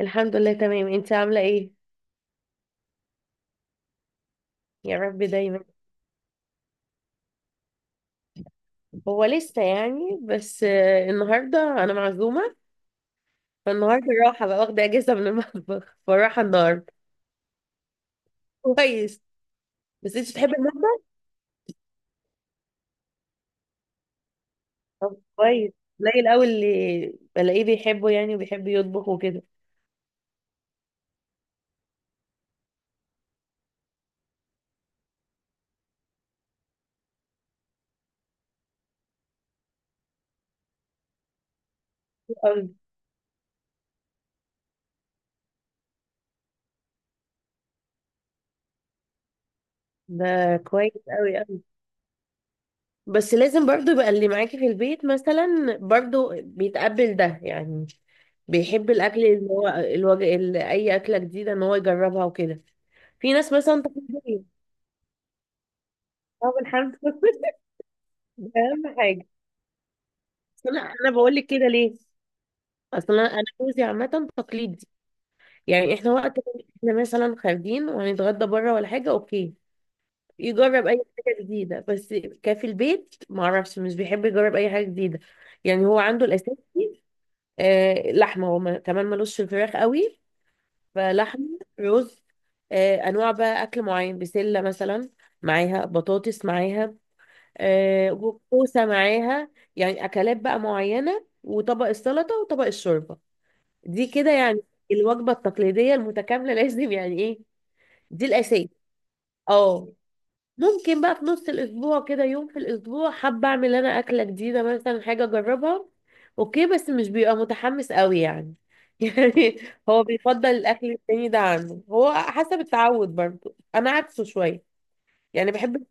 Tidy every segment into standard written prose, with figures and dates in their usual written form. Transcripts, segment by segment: الحمد لله تمام. انت عاملة ايه؟ يا رب دايما. هو لسه يعني بس النهاردة انا معزومة. فالنهاردة راحة بقى، واخدة اجازة من المطبخ، فراحة النهاردة. كويس. بس انت بتحبي المطبخ. طب كويس. قليل قوي اللي بلاقيه بيحبه يعني، وبيحب يطبخ وكده. قوي. ده كويس. قوي. بس لازم برضو يبقى اللي معاكي في البيت مثلا برضو بيتقبل ده يعني. بيحب الاكل، اللي هو الوجه اللي اي اكله جديده ان هو يجربها وكده. في ناس مثلا تقول. طب الحمد لله. ده اهم حاجه. بس انا بقول لك كده ليه. اصلا أنا جوزي عامه تقليدي. يعني احنا وقت ما احنا مثلا خارجين وهنتغدى بره ولا حاجه، اوكي، يجرب اي حاجه جديده. بس كان في البيت ما اعرفش، مش بيحب يجرب اي حاجه جديده. يعني هو عنده الاساسي. لحمة هو كمان ملوش في الفراخ قوي. فلحمة رز. أنواع بقى أكل معين، بسلة مثلا معاها بطاطس معاها، كوسة معاها. يعني أكلات بقى معينة، وطبق السلطة وطبق الشوربة. دي كده يعني الوجبة التقليدية المتكاملة لازم يعني إيه. دي الأساس. اه. ممكن بقى في نص الاسبوع كده يوم في الاسبوع حابه اعمل انا اكله جديده، مثلا حاجه اجربها. اوكي بس مش بيبقى متحمس قوي يعني. يعني هو بيفضل الاكل التاني ده عنه، هو حسب التعود برضو، انا عكسه شويه يعني، بحب.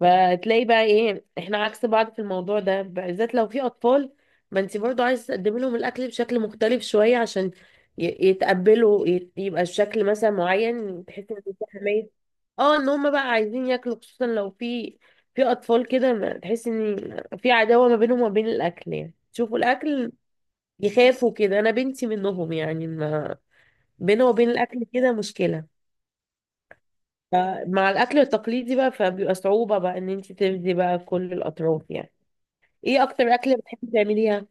فتلاقي بقى ايه احنا عكس بعض في الموضوع ده، بالذات لو في اطفال. ما انت برضو عايز تقدمي لهم الاكل بشكل مختلف شويه عشان يتقبلوا، يبقى الشكل مثلا معين بحيث ان في حمايه. اه ان هم بقى عايزين ياكلوا، خصوصا لو في اطفال كده، تحس ان في عداوه ما بينهم وما بين الاكل، يعني شوفوا الاكل يخافوا كده. انا بنتي منهم يعني، ما بينه وبين الاكل كده مشكله. فمع الاكل التقليدي بقى فبيبقى صعوبه بقى ان انت تفدي بقى كل الاطراف يعني. ايه اكتر اكله بتحبي تعمليها؟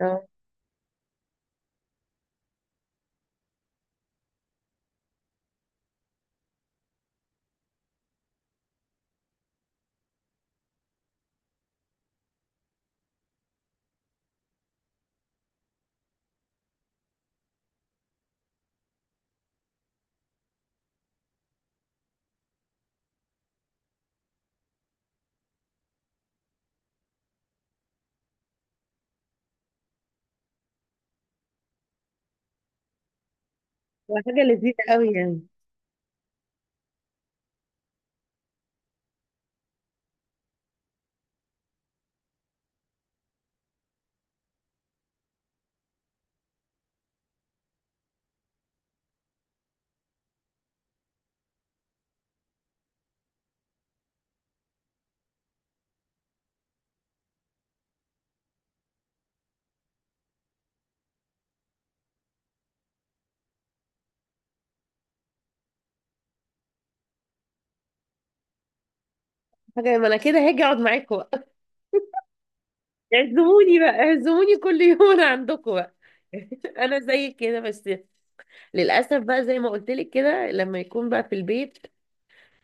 اه ده حاجه لذيذه قوي يعني. حاجه، ما انا كده هاجي اقعد معاكم بقى. اعزموني بقى، اعزموني كل يوم انا عندكم بقى. انا زي كده بس. للاسف بقى زي ما قلت لك كده، لما يكون بقى في البيت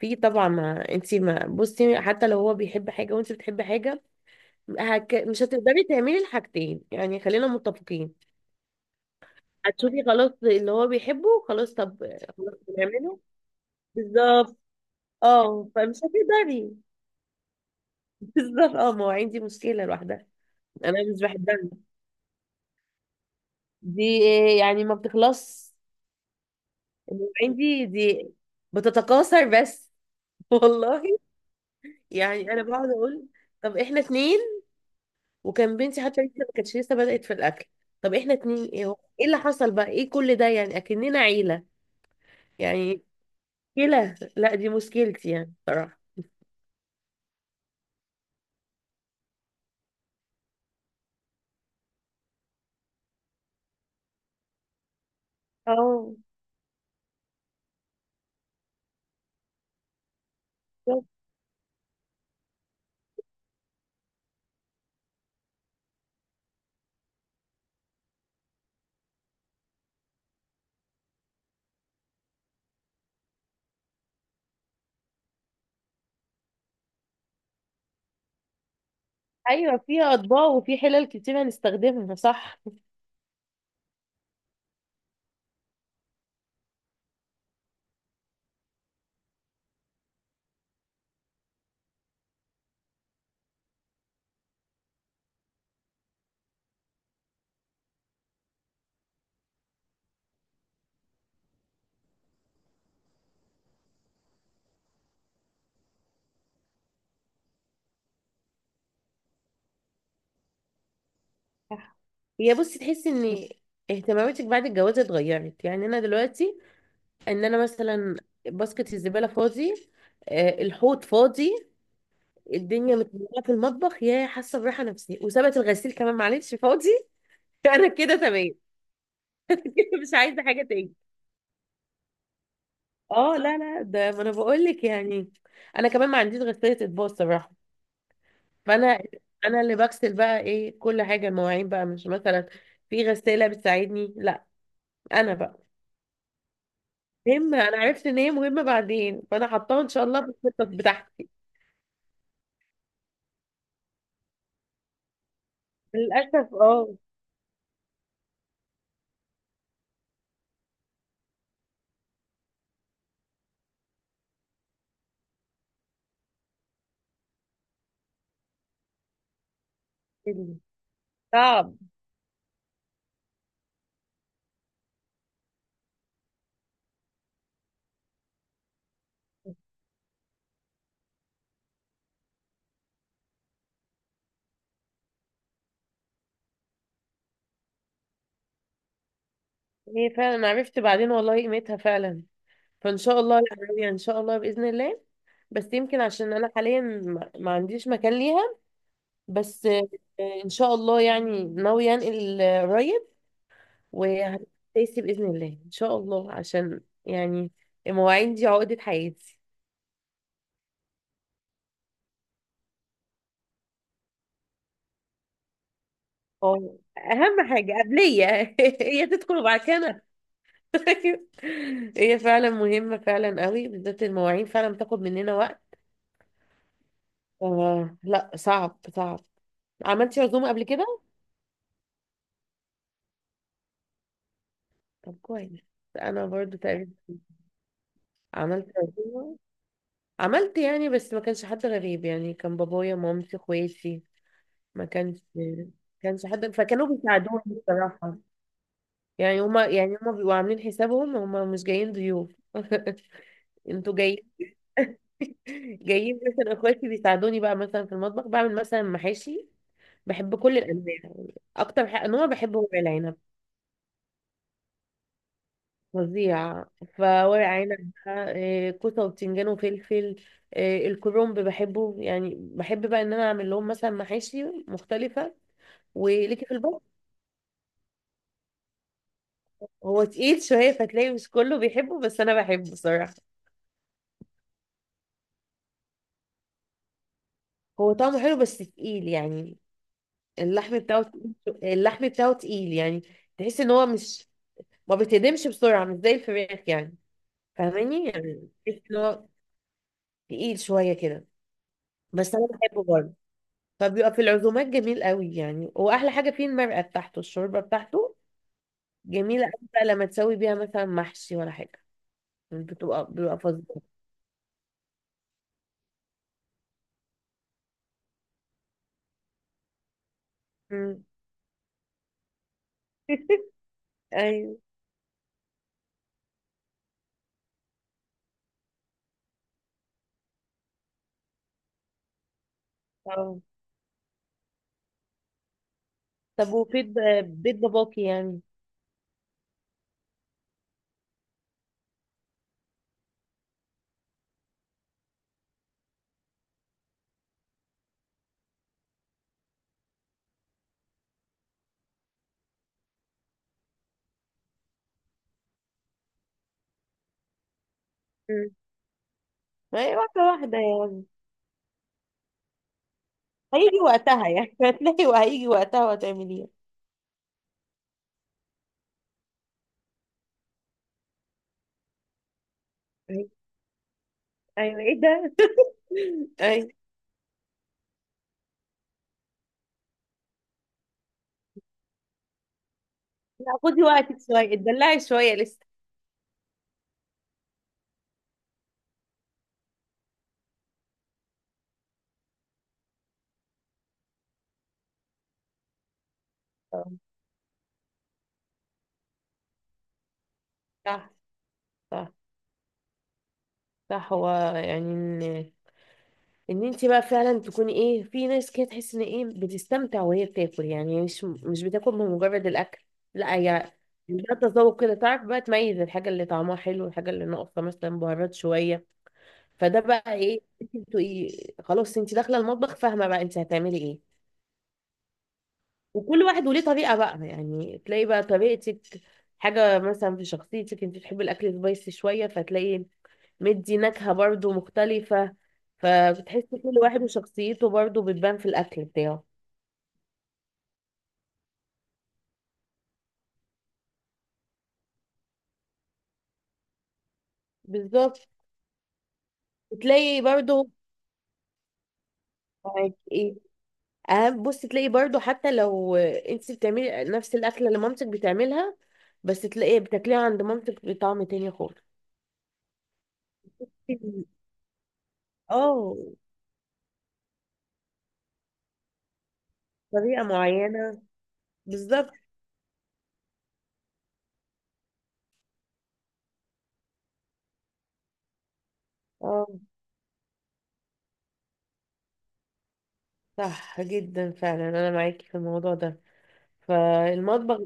في طبعا، ما انت ما بصي حتى لو هو بيحب حاجه وانت بتحبي حاجه، مش هتقدري تعملي الحاجتين، يعني خلينا متفقين. هتشوفي خلاص اللي هو بيحبه، خلاص طب خلاص بنعمله. بالظبط. اه فمش هتقدري. بالظبط. اه ما هو عندي مشكلة لوحدها، انا مش بحبها دي، يعني ما بتخلص عندي دي، بتتكاثر بس. والله. يعني انا بقعد اقول طب احنا اتنين، وكان بنتي حتى لسه ما كانتش لسه بدأت في الاكل. طب احنا اتنين، ايه هو، ايه اللي حصل بقى، ايه كل ده، يعني اكننا عيلة. يعني مشكلة، لا دي مشكلتي يعني صراحة. اه بالظبط. ايوه فيها اطباق وفي حلل كتير هنستخدمها، صح. صح. هي بصي، تحسي ان اهتماماتك بعد الجواز اتغيرت؟ يعني انا دلوقتي ان انا مثلا باسكت الزباله فاضي، الحوض فاضي، الدنيا متملة في المطبخ، يا حاسه براحه نفسيه. وسابت الغسيل كمان، معلش فاضي. انا كده تمام. مش عايزه حاجه تاني. اه لا لا، ده ما انا بقول لك يعني، انا كمان ما عنديش غساله اطباق الصراحه. فانا اللي بغسل بقى ايه كل حاجه، المواعين بقى مش مثلا في غساله بتساعدني، لا انا بقى. مهمة. أنا عرفت إن هي مهمة بعدين، فأنا حطاها إن شاء الله في الخطط بتاعتي. للأسف اه. صعب. هي فعلا، أنا عرفت بعدين والله قيمتها فعلا، فإن شاء الله يعني، إن شاء الله بإذن الله. بس يمكن عشان أنا حاليا ما عنديش مكان ليها. بس إن شاء الله يعني، ناوية أنقل قريب، وهتأسي بإذن الله إن شاء الله، عشان يعني المواعين دي عقدة حياتي. اه أهم حاجة قبلية هي تدخل وبعد كده أنا. أيوة. هي فعلا مهمة، فعلا قوي، بالذات المواعين فعلا بتاخد مننا وقت. آه لا، صعب صعب. عملتي عزومة قبل كده؟ طب كويس. أنا برضو تقريبا عملت عزومة. عملت يعني، بس ما كانش حد غريب يعني، كان بابايا مامتي اخواتي. ما كانش كانش حد، فكانوا بيساعدوني بصراحة. يعني هما بيبقوا عاملين حسابهم، هما مش جايين ضيوف انتوا جايين. جايين مثلا اخواتي بيساعدوني بقى مثلا في المطبخ، بعمل مثلا محاشي. بحب كل الانواع يعني. اكتر حاجة نوع بحبه ورق العنب. فظيع. فورق عنب بقى، كوسه وبتنجان وفلفل، الكرنب بحبه، يعني بحب بقى ان انا اعمل لهم مثلا محاشي مختلفه. وليكي في البط. هو تقيل شويه، فتلاقي مش كله بيحبه، بس انا بحبه صراحه. هو طعمه حلو بس تقيل يعني، اللحم بتاعه تقيل يعني. تحس ان هو مش، ما بيتهدمش بسرعه، مش زي الفراخ يعني. فاهماني؟ يعني تحس ان هو تقيل شويه كده، بس انا بحبه برضه. فبيبقى في العزومات جميل قوي يعني، واحلى حاجه فيه المرقه بتاعته، الشوربه بتاعته جميله قوي بقى. لما تسوي بيها مثلا محشي ولا حاجه، بتبقى فظيعه. مم. ايوه. اه طب وفي بيت باباكي يعني. مم. ما هي واحده واحده يعني، هيجي وقتها يعني هتلاقي وهيجي وقتها وهتعمليها. ايوه أيوة، ايه ده. ايوه. لا خدي وقتك شويه، اتدلعي شويه لسه. آه. صح صح صح. هو يعني ان انت بقى فعلا تكوني ايه، في ناس كده تحس ان ايه بتستمتع وهي بتاكل، يعني مش بتاكل من مجرد الاكل. لا هي ده تذوق كده، تعرف بقى تميز الحاجه اللي طعمها حلو والحاجه اللي ناقصه مثلا بهارات شويه. فده بقى ايه، انت بتبقي خلاص انت داخله المطبخ فاهمه بقى انت هتعملي ايه. وكل واحد وليه طريقه بقى، يعني تلاقي بقى طريقتك، حاجه مثلا في شخصيتك. انت بتحبي الاكل سبايسي شويه، فتلاقي مدي نكهة برضو مختلفة. فبتحس كل واحد وشخصيته برضو بتبان في الأكل بتاعه. بالظبط. بتلاقي برضو. معاك ايه؟ اهم بص، تلاقي برضو حتى لو انت بتعملي نفس الأكلة اللي مامتك بتعملها، بس تلاقي بتاكليها عند مامتك بطعم تاني خالص. اه، طريقة معينة. بالظبط. اه صح جدا فعلا، انا معاكي في الموضوع ده. فالمطبخ،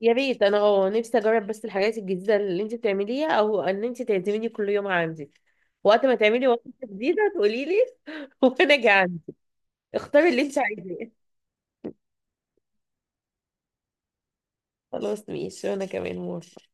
يا ريت انا نفسي اجرب بس الحاجات الجديده اللي انت بتعمليها، او ان انت تعزميني كل يوم عندك. وقت ما تعملي وصفه جديده تقولي لي. وانا جعانه. اختاري اللي انت عايزاه. خلاص ماشي، وانا كمان موافقة.